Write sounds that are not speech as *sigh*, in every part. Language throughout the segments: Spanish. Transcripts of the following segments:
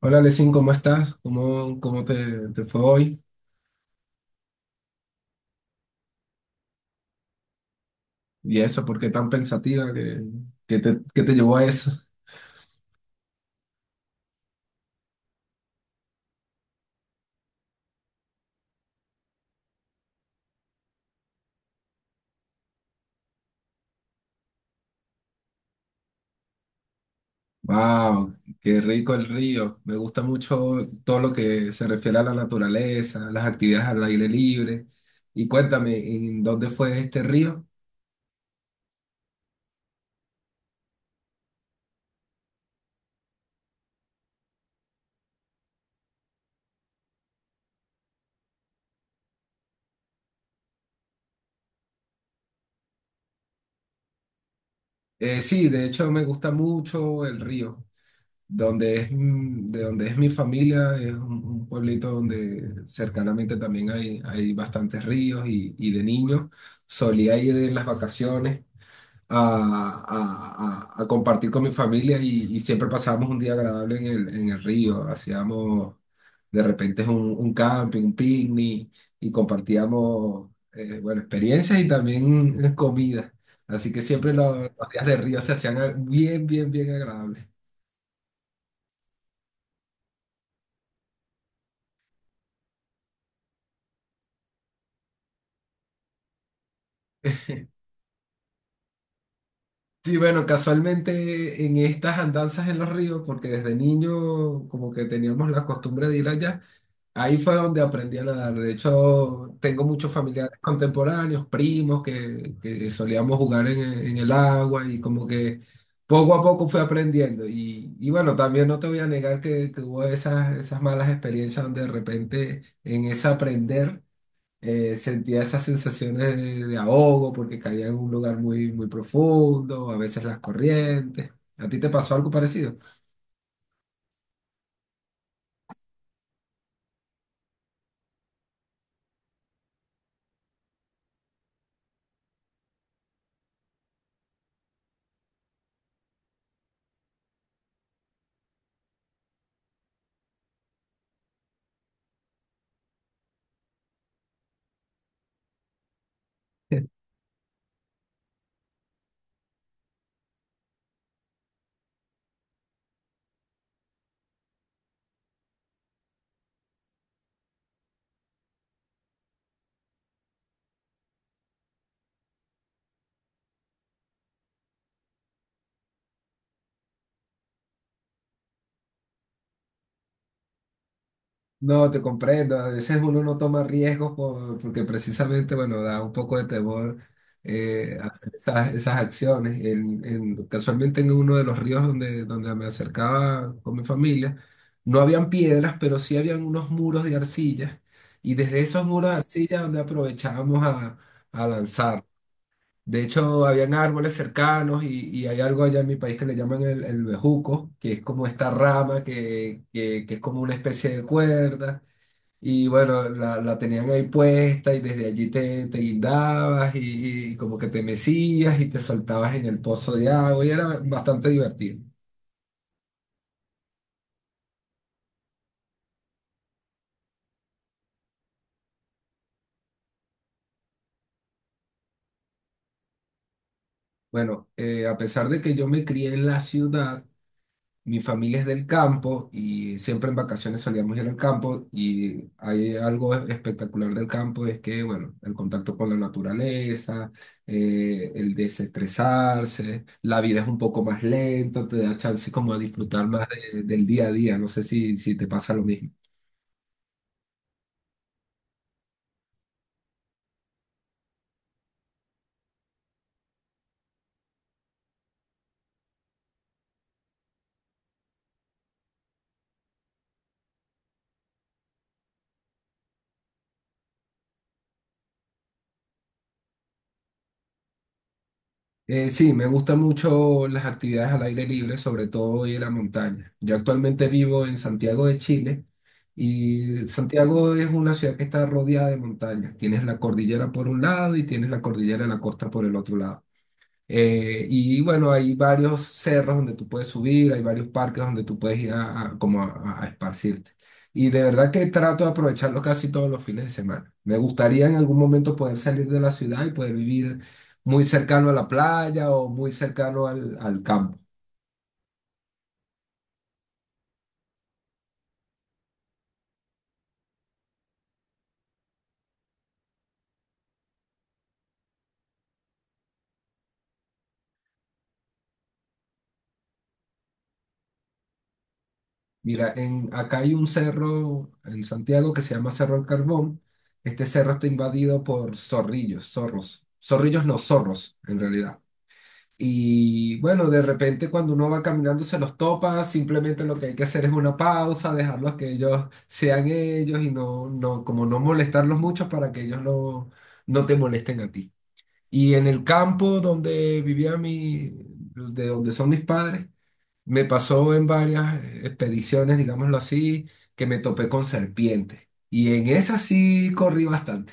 Hola, Lesin, ¿cómo estás? ¿Te fue hoy? ¿Y eso? ¿Por qué tan pensativa? ¿Qué te llevó a eso? ¡Wow! ¡Qué rico el río! Me gusta mucho todo lo que se refiere a la naturaleza, las actividades al aire libre. Y cuéntame, ¿en dónde fue este río? Sí, de hecho me gusta mucho el río. De donde es mi familia, es un pueblito donde cercanamente también hay bastantes ríos y de niños solía ir en las vacaciones a compartir con mi familia y siempre pasábamos un día agradable en en el río. Hacíamos de repente un camping, un picnic y compartíamos, bueno, experiencias y también comida. Así que siempre los días de río se hacían bien agradables. Sí, bueno, casualmente en estas andanzas en los ríos, porque desde niño como que teníamos la costumbre de ir allá, ahí fue donde aprendí a nadar. De hecho, tengo muchos familiares contemporáneos, primos, que solíamos jugar en el agua y como que poco a poco fui aprendiendo. Y bueno, también no te voy a negar que hubo esas malas experiencias donde de repente en ese aprender sentía esas sensaciones de ahogo porque caía en un lugar muy profundo, a veces las corrientes. ¿A ti te pasó algo parecido? No, te comprendo. A veces uno no toma riesgos porque precisamente, bueno, da un poco de temor hacer esas acciones. Casualmente en uno de los ríos donde me acercaba con mi familia, no habían piedras, pero sí habían unos muros de arcilla. Y desde esos muros de arcilla donde aprovechábamos a lanzarnos. De hecho, habían árboles cercanos y hay algo allá en mi país que le llaman el bejuco, que es como esta rama que es como una especie de cuerda. Y bueno, la tenían ahí puesta y desde allí te guindabas y como que te mecías y te soltabas en el pozo de agua y era bastante divertido. Bueno, a pesar de que yo me crié en la ciudad, mi familia es del campo y siempre en vacaciones solíamos ir al campo y hay algo espectacular del campo, es que, bueno, el contacto con la naturaleza, el desestresarse, la vida es un poco más lenta, te da chance como a disfrutar más del día a día, no sé si te pasa lo mismo. Sí, me gustan mucho las actividades al aire libre, sobre todo y en la montaña. Yo actualmente vivo en Santiago de Chile y Santiago es una ciudad que está rodeada de montañas. Tienes la cordillera por un lado y tienes la cordillera de la costa por el otro lado. Y bueno, hay varios cerros donde tú puedes subir, hay varios parques donde tú puedes ir como a esparcirte. Y de verdad que trato de aprovecharlo casi todos los fines de semana. Me gustaría en algún momento poder salir de la ciudad y poder vivir muy cercano a la playa o muy cercano al campo. Mira, acá hay un cerro en Santiago que se llama Cerro del Carbón. Este cerro está invadido por zorrillos, zorros. Zorrillos no, zorros, en realidad. Y bueno, de repente cuando uno va caminando se los topa, simplemente lo que hay que hacer es una pausa, dejarlos que ellos sean ellos y no, no, como no molestarlos mucho para que ellos no, no te molesten a ti. Y en el campo de donde son mis padres, me pasó en varias expediciones, digámoslo así, que me topé con serpientes. Y en esas sí corrí bastante.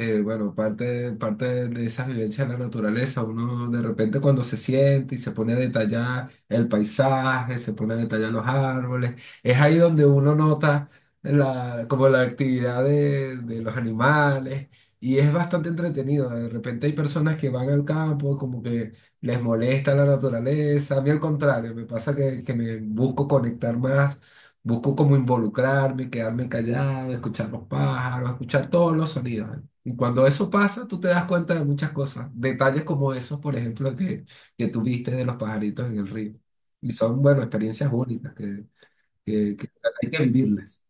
Bueno, parte de esa vivencia de la naturaleza, uno de repente cuando se siente y se pone a detallar el paisaje, se pone a detallar los árboles, es ahí donde uno nota como la actividad de los animales y es bastante entretenido. De repente hay personas que van al campo, como que les molesta la naturaleza, a mí al contrario, me pasa que me busco conectar más. Busco como involucrarme, quedarme callado, escuchar los pájaros, escuchar todos los sonidos. Y cuando eso pasa, tú te das cuenta de muchas cosas. Detalles como esos, por ejemplo, que tuviste de los pajaritos en el río. Y son, bueno, experiencias únicas que hay que vivirlas.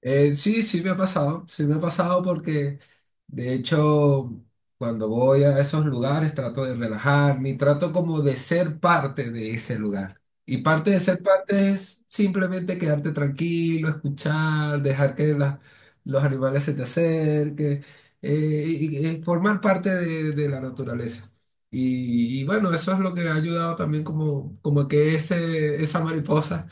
Sí, sí me ha pasado. Sí me ha pasado porque de hecho, cuando voy a esos lugares trato de relajarme y trato como de ser parte de ese lugar. Y parte de ser parte es simplemente quedarte tranquilo, escuchar, dejar que los animales se te acerquen, y formar parte de la naturaleza. Y bueno, eso es lo que ha ayudado también como, como que esa mariposa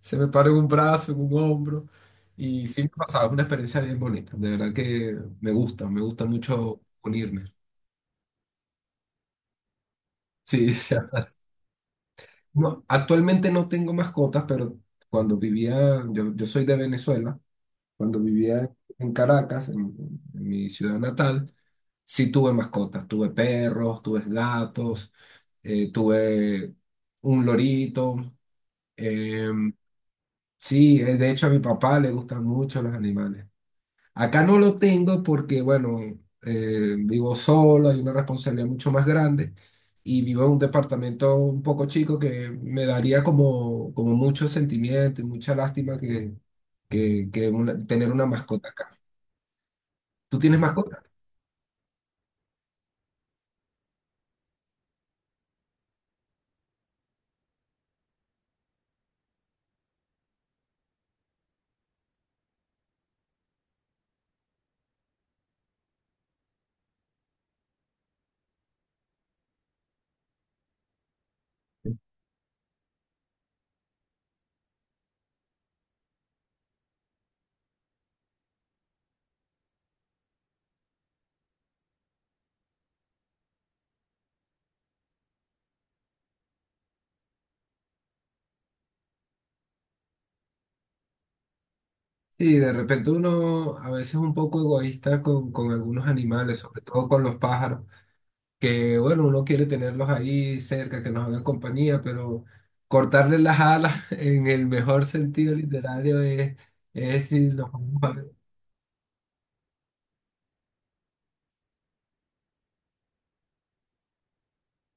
se me pare en un brazo, en un hombro. Y sí me pasaba, una experiencia bien bonita, de verdad que me gusta mucho unirme. Sí, *laughs* o sea, no, actualmente no tengo mascotas, pero cuando vivía, yo soy de Venezuela, cuando vivía en Caracas, en mi ciudad natal, sí tuve mascotas, tuve perros, tuve gatos, tuve un lorito, eh, sí, de hecho a mi papá le gustan mucho los animales. Acá no lo tengo porque, bueno, vivo solo, hay una responsabilidad mucho más grande y vivo en un departamento un poco chico que me daría como, como mucho sentimiento y mucha lástima que tener una mascota acá. ¿Tú tienes mascota? Sí, de repente uno a veces es un poco egoísta con algunos animales, sobre todo con los pájaros. Que bueno, uno quiere tenerlos ahí cerca, que nos hagan compañía, pero cortarle las alas *laughs* en el mejor sentido literario es si los vamos a ver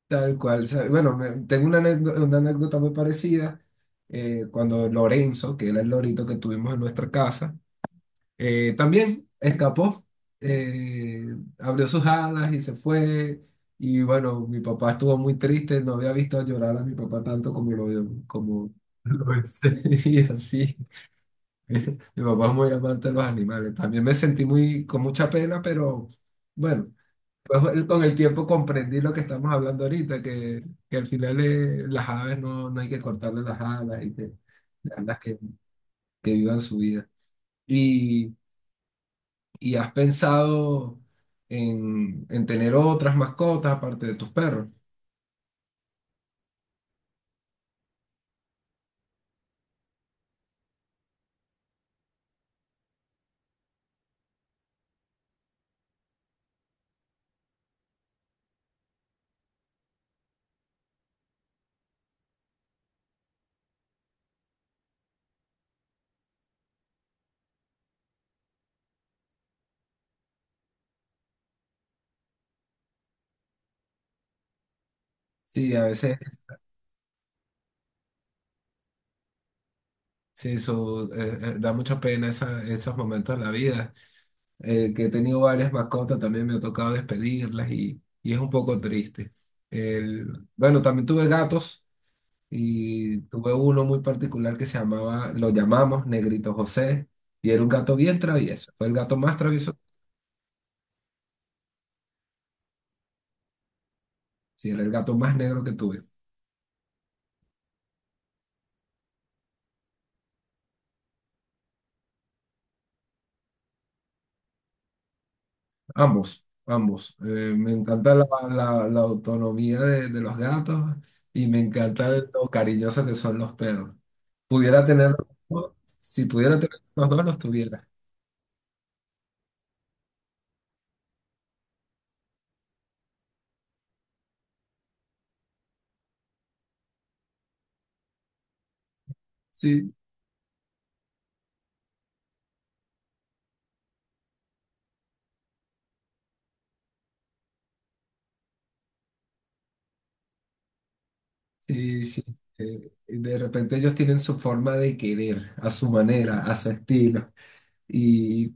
tal cual. O sea, bueno, tengo una anécdota muy parecida cuando Lorenzo, que era el lorito que tuvimos en nuestra casa, también escapó, eh, abrió sus alas y se fue. Y bueno, mi papá estuvo muy triste, no había visto llorar a mi papá tanto como lo hice. *laughs* Y así, *laughs* mi papá es muy amante de los animales. También me sentí muy, con mucha pena, pero bueno, pues, con el tiempo comprendí lo que estamos hablando ahorita, que al final las aves no, no hay que cortarle las alas y que, las que, que vivan su vida. ¿Y has pensado en tener otras mascotas aparte de tus perros? Sí, a veces sí, eso da mucha pena esos momentos de la vida. Que he tenido varias mascotas, también me ha tocado despedirlas y es un poco triste. El, bueno, también tuve gatos y tuve uno muy particular que se llamaba, lo llamamos Negrito José y era un gato bien travieso. Fue el gato más travieso, sí, era el gato más negro que tuve. Ambos, ambos. Me encanta la autonomía de los gatos y me encanta lo cariñosos que son los perros. Pudiera tener, si pudiera tener los dos, los tuviera. Sí, sí, sí. Y de repente ellos tienen su forma de querer, a su manera, a su estilo. Y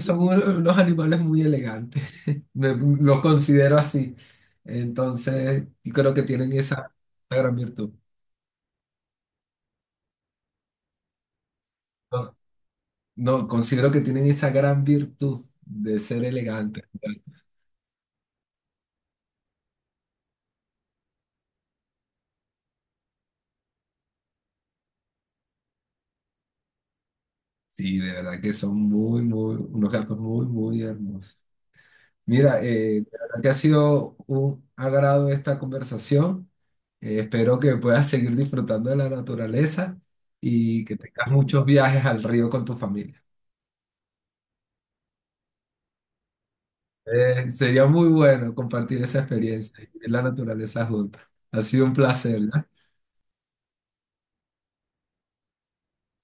son unos animales muy elegantes. *laughs* Los considero así. Entonces, y creo que tienen esa gran virtud. No, considero que tienen esa gran virtud de ser elegantes. Sí, de verdad que son unos gatos muy hermosos. Mira, de verdad que ha sido un agrado esta conversación. Espero que puedas seguir disfrutando de la naturaleza y que tengas muchos viajes al río con tu familia. Sería muy bueno compartir esa experiencia y ver la naturaleza juntos. Ha sido un placer, ¿no?